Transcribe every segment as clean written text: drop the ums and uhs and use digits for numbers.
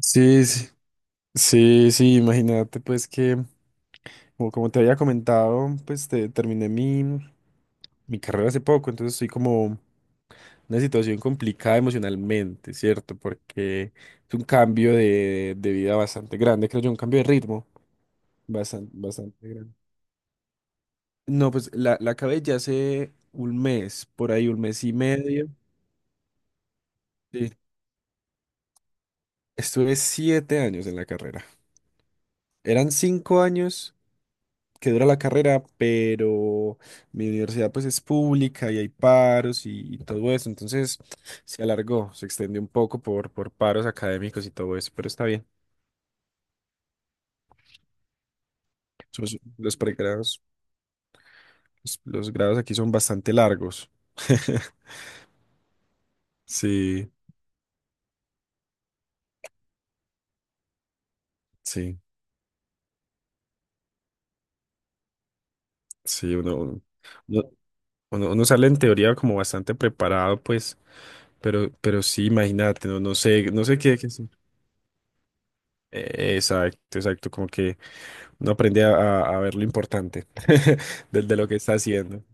Sí, sí, sí, sí, imagínate pues que, como te había comentado, pues terminé mi carrera hace poco, entonces estoy como en una situación complicada emocionalmente, ¿cierto? Porque es un cambio de vida bastante grande, creo yo, un cambio de ritmo bastante, bastante grande. No, pues la acabé ya hace un mes, por ahí un mes y medio. Sí. Estuve 7 años en la carrera. Eran 5 años que dura la carrera, pero mi universidad pues es pública y hay paros y todo eso, entonces se alargó, se extendió un poco por paros académicos y todo eso, pero está bien. Los pregrados, los grados aquí son bastante largos. Sí, sí, sí, uno- uno sale en teoría como bastante preparado, pues, pero sí, imagínate, no sé qué hacer. Exacto, exacto, como que no aprende a, a ver lo importante de lo que está haciendo.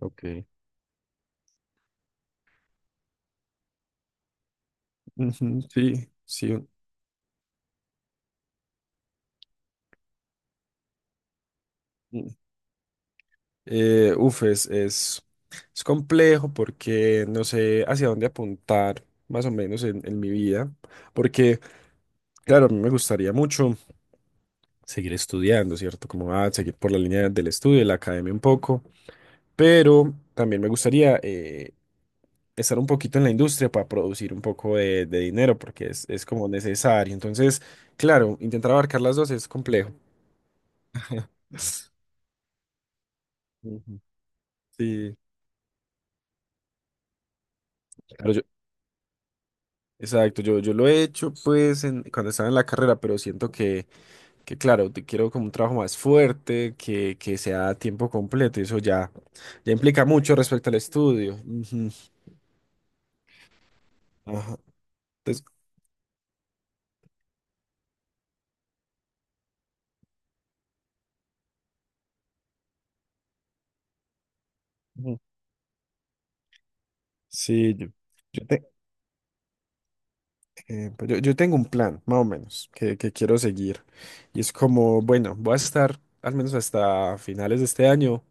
Ok. Ujú, sí, sí. Mm. Eh, uf, es, es, es complejo porque no sé hacia dónde apuntar, más o menos en mi vida, porque, claro, a mí me gustaría mucho seguir estudiando, ¿cierto? Como ah, seguir por la línea del estudio, de la academia un poco, pero también me gustaría estar un poquito en la industria para producir un poco de dinero, porque es como necesario. Entonces, claro, intentar abarcar las dos es complejo. Ujú. Sí, claro yo, exacto, yo lo he hecho pues en, cuando estaba en la carrera, pero siento que claro, te quiero como un trabajo más fuerte, que sea a tiempo completo, y eso ya, ya implica mucho respecto al estudio. Ujú. Ajá. Entonces, ujú. Sí, yo te- pues yo tengo un plan, más o menos, que quiero seguir. Y es como, bueno, voy a estar al menos hasta finales de este año,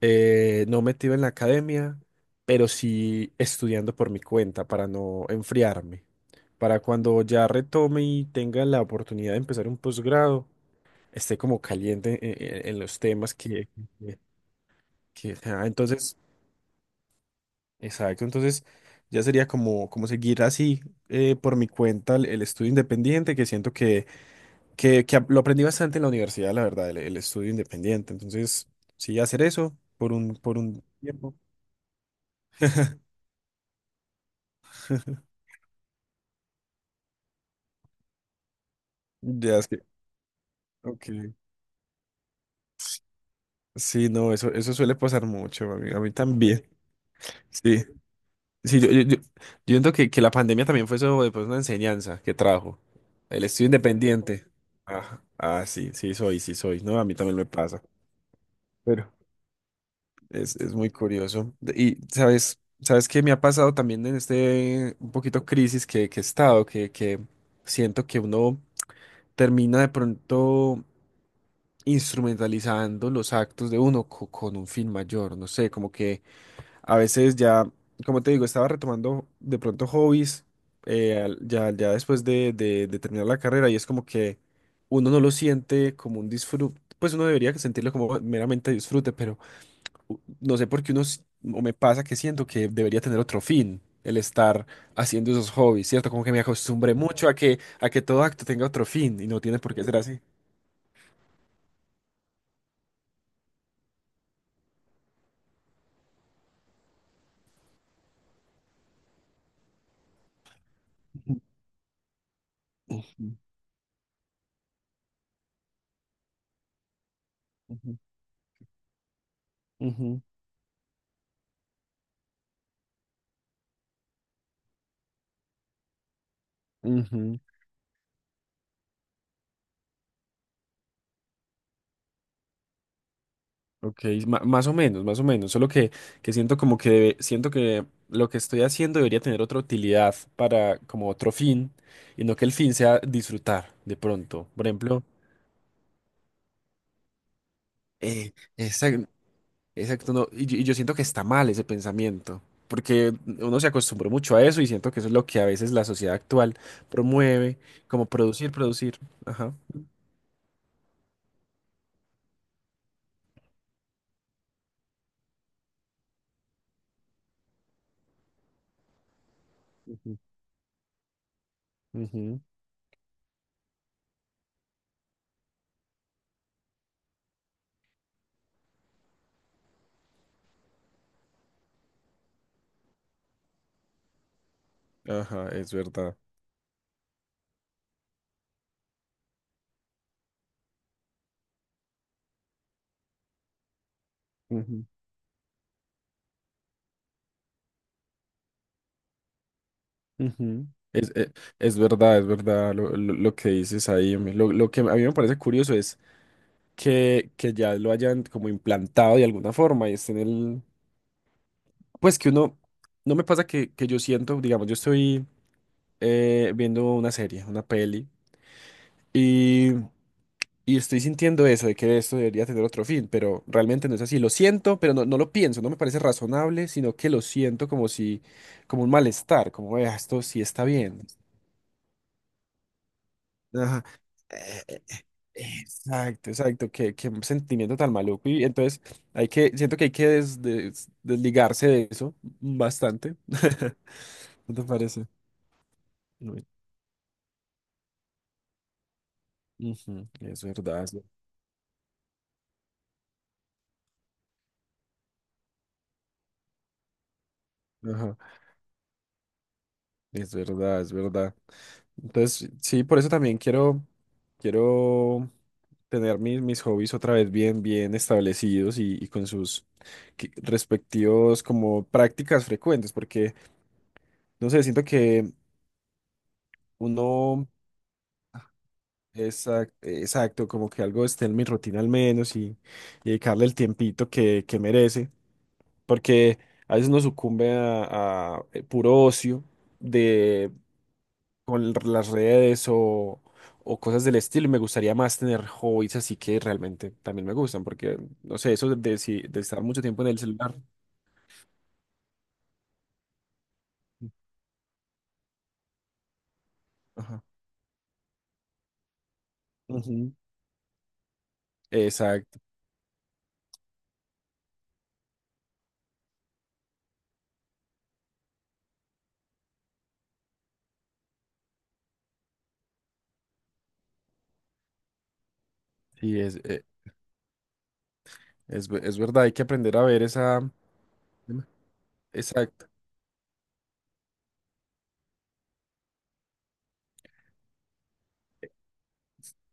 no metido en la academia, pero sí estudiando por mi cuenta para no enfriarme. Para cuando ya retome y tenga la oportunidad de empezar un posgrado, esté como caliente en, en los temas que, que, entonces, exacto, entonces ya sería como, como seguir así por mi cuenta el estudio independiente, que siento que que lo aprendí bastante en la universidad, la verdad, el estudio independiente. Entonces, sí, hacer eso por un tiempo. Ya es que, ok. Sí, no, eso suele pasar mucho, a mí también. Sí, sí, yo siento que la pandemia también fue eso, pues, una enseñanza que trajo. El estudio independiente. Ah, ah, sí, sí soy, sí soy. No, a mí también me pasa. Es muy curioso. Y sabes que me ha pasado también en este un poquito crisis que he estado, que siento que uno termina de pronto instrumentalizando los actos de uno con un fin mayor. No sé, como que a veces ya, como te digo, estaba retomando de pronto hobbies ya, ya después de terminar la carrera y es como que uno no lo siente como un disfrute. Pues uno debería sentirlo como meramente disfrute, no sé por qué uno, o me pasa que siento que debería tener otro fin el estar haciendo esos hobbies, ¿cierto? Como que me acostumbré mucho a que todo acto tenga otro fin y no tiene por qué ser así. Ujú, ujú, ujú, ujú. Ok, más o menos, solo que siento como que siento que lo que estoy haciendo debería tener otra utilidad para como otro fin y no que el fin sea disfrutar de pronto. Por ejemplo, eh, esa- exacto, no, y yo siento que está mal ese pensamiento, porque uno se acostumbró mucho a eso y siento que eso es lo que a veces la sociedad actual promueve, como producir, producir. Ajá. Ujú, ujú. Ajá, es verdad. Ujú, ujú. Es, e- es verdad, es verdad lo que dices ahí. Hombre. Lo que a mí me parece curioso es que ya lo hayan como implantado de alguna forma y esté en el... Pues que uno... No me pasa que yo siento, digamos, yo estoy viendo una serie, una peli. Y, y estoy sintiendo eso, de que esto debería tener otro fin, pero realmente no es así. Lo siento, pero no lo pienso, no me parece razonable, sino que lo siento como si, como un malestar, como esto sí está bien. Ajá. Eh, eh, Exacto, exacto, qué sentimiento tan maluco. Y entonces hay que, siento que hay que desligarse de eso bastante. ¿No te parece? Uy, ujú, es verdad, ajá, es verdad, es verdad. Entonces, sí, por eso también quiero, quiero tener mis, mis hobbies otra vez bien, bien establecidos y con sus respectivos como prácticas frecuentes, porque, no sé, siento que uno es exacto, como que algo esté en mi rutina al menos y dedicarle el tiempito que merece, porque a veces uno sucumbe a puro ocio con las redes o cosas del estilo. Y me gustaría más tener hobbies así que realmente también me gustan, porque, no sé, eso de, si- de estar mucho tiempo en el celular. Ajá. Ujú. Exacto, sí, es verdad, hay que aprender a ver esa, Dime. Exacto,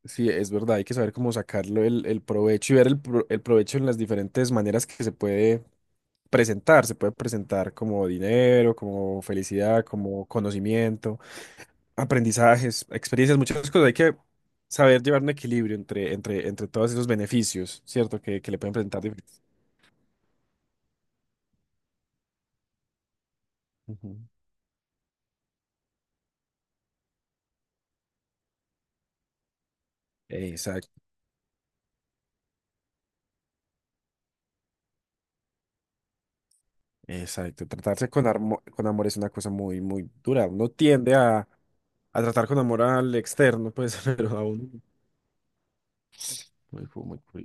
sí, es verdad, hay que saber cómo sacarlo el provecho y ver el provecho en las diferentes maneras que se puede presentar como dinero, como felicidad, como conocimiento. Aprendizajes, experiencias, muchas cosas. Hay que saber llevar un equilibrio entre, entre, entre todos esos beneficios, ¿cierto? Que le pueden presentar diferentes. Ujú. Exacto, exacto. Tratarse con, con amor es una cosa muy, muy dura. Uno tiende a tratar con amor al externo, pues, pero a uno. Muy, muy, full.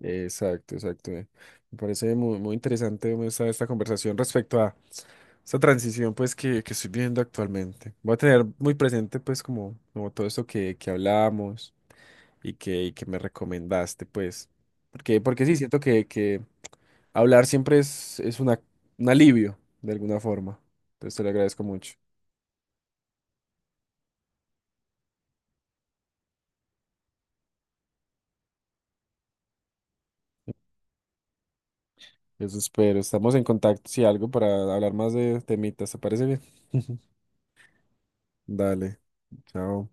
Exacto, exacto. Me parece muy, muy interesante como esta conversación respecto a esta transición pues que estoy viviendo actualmente. Voy a tener muy presente pues como, como todo esto que hablábamos y que me recomendaste pues. Porque, porque sí, siento que hablar siempre es una, un alivio de alguna forma. Entonces te lo agradezco mucho. Eso espero. Estamos en contacto si algo para hablar más de temitas. ¿Te parece bien? Dale. Chao.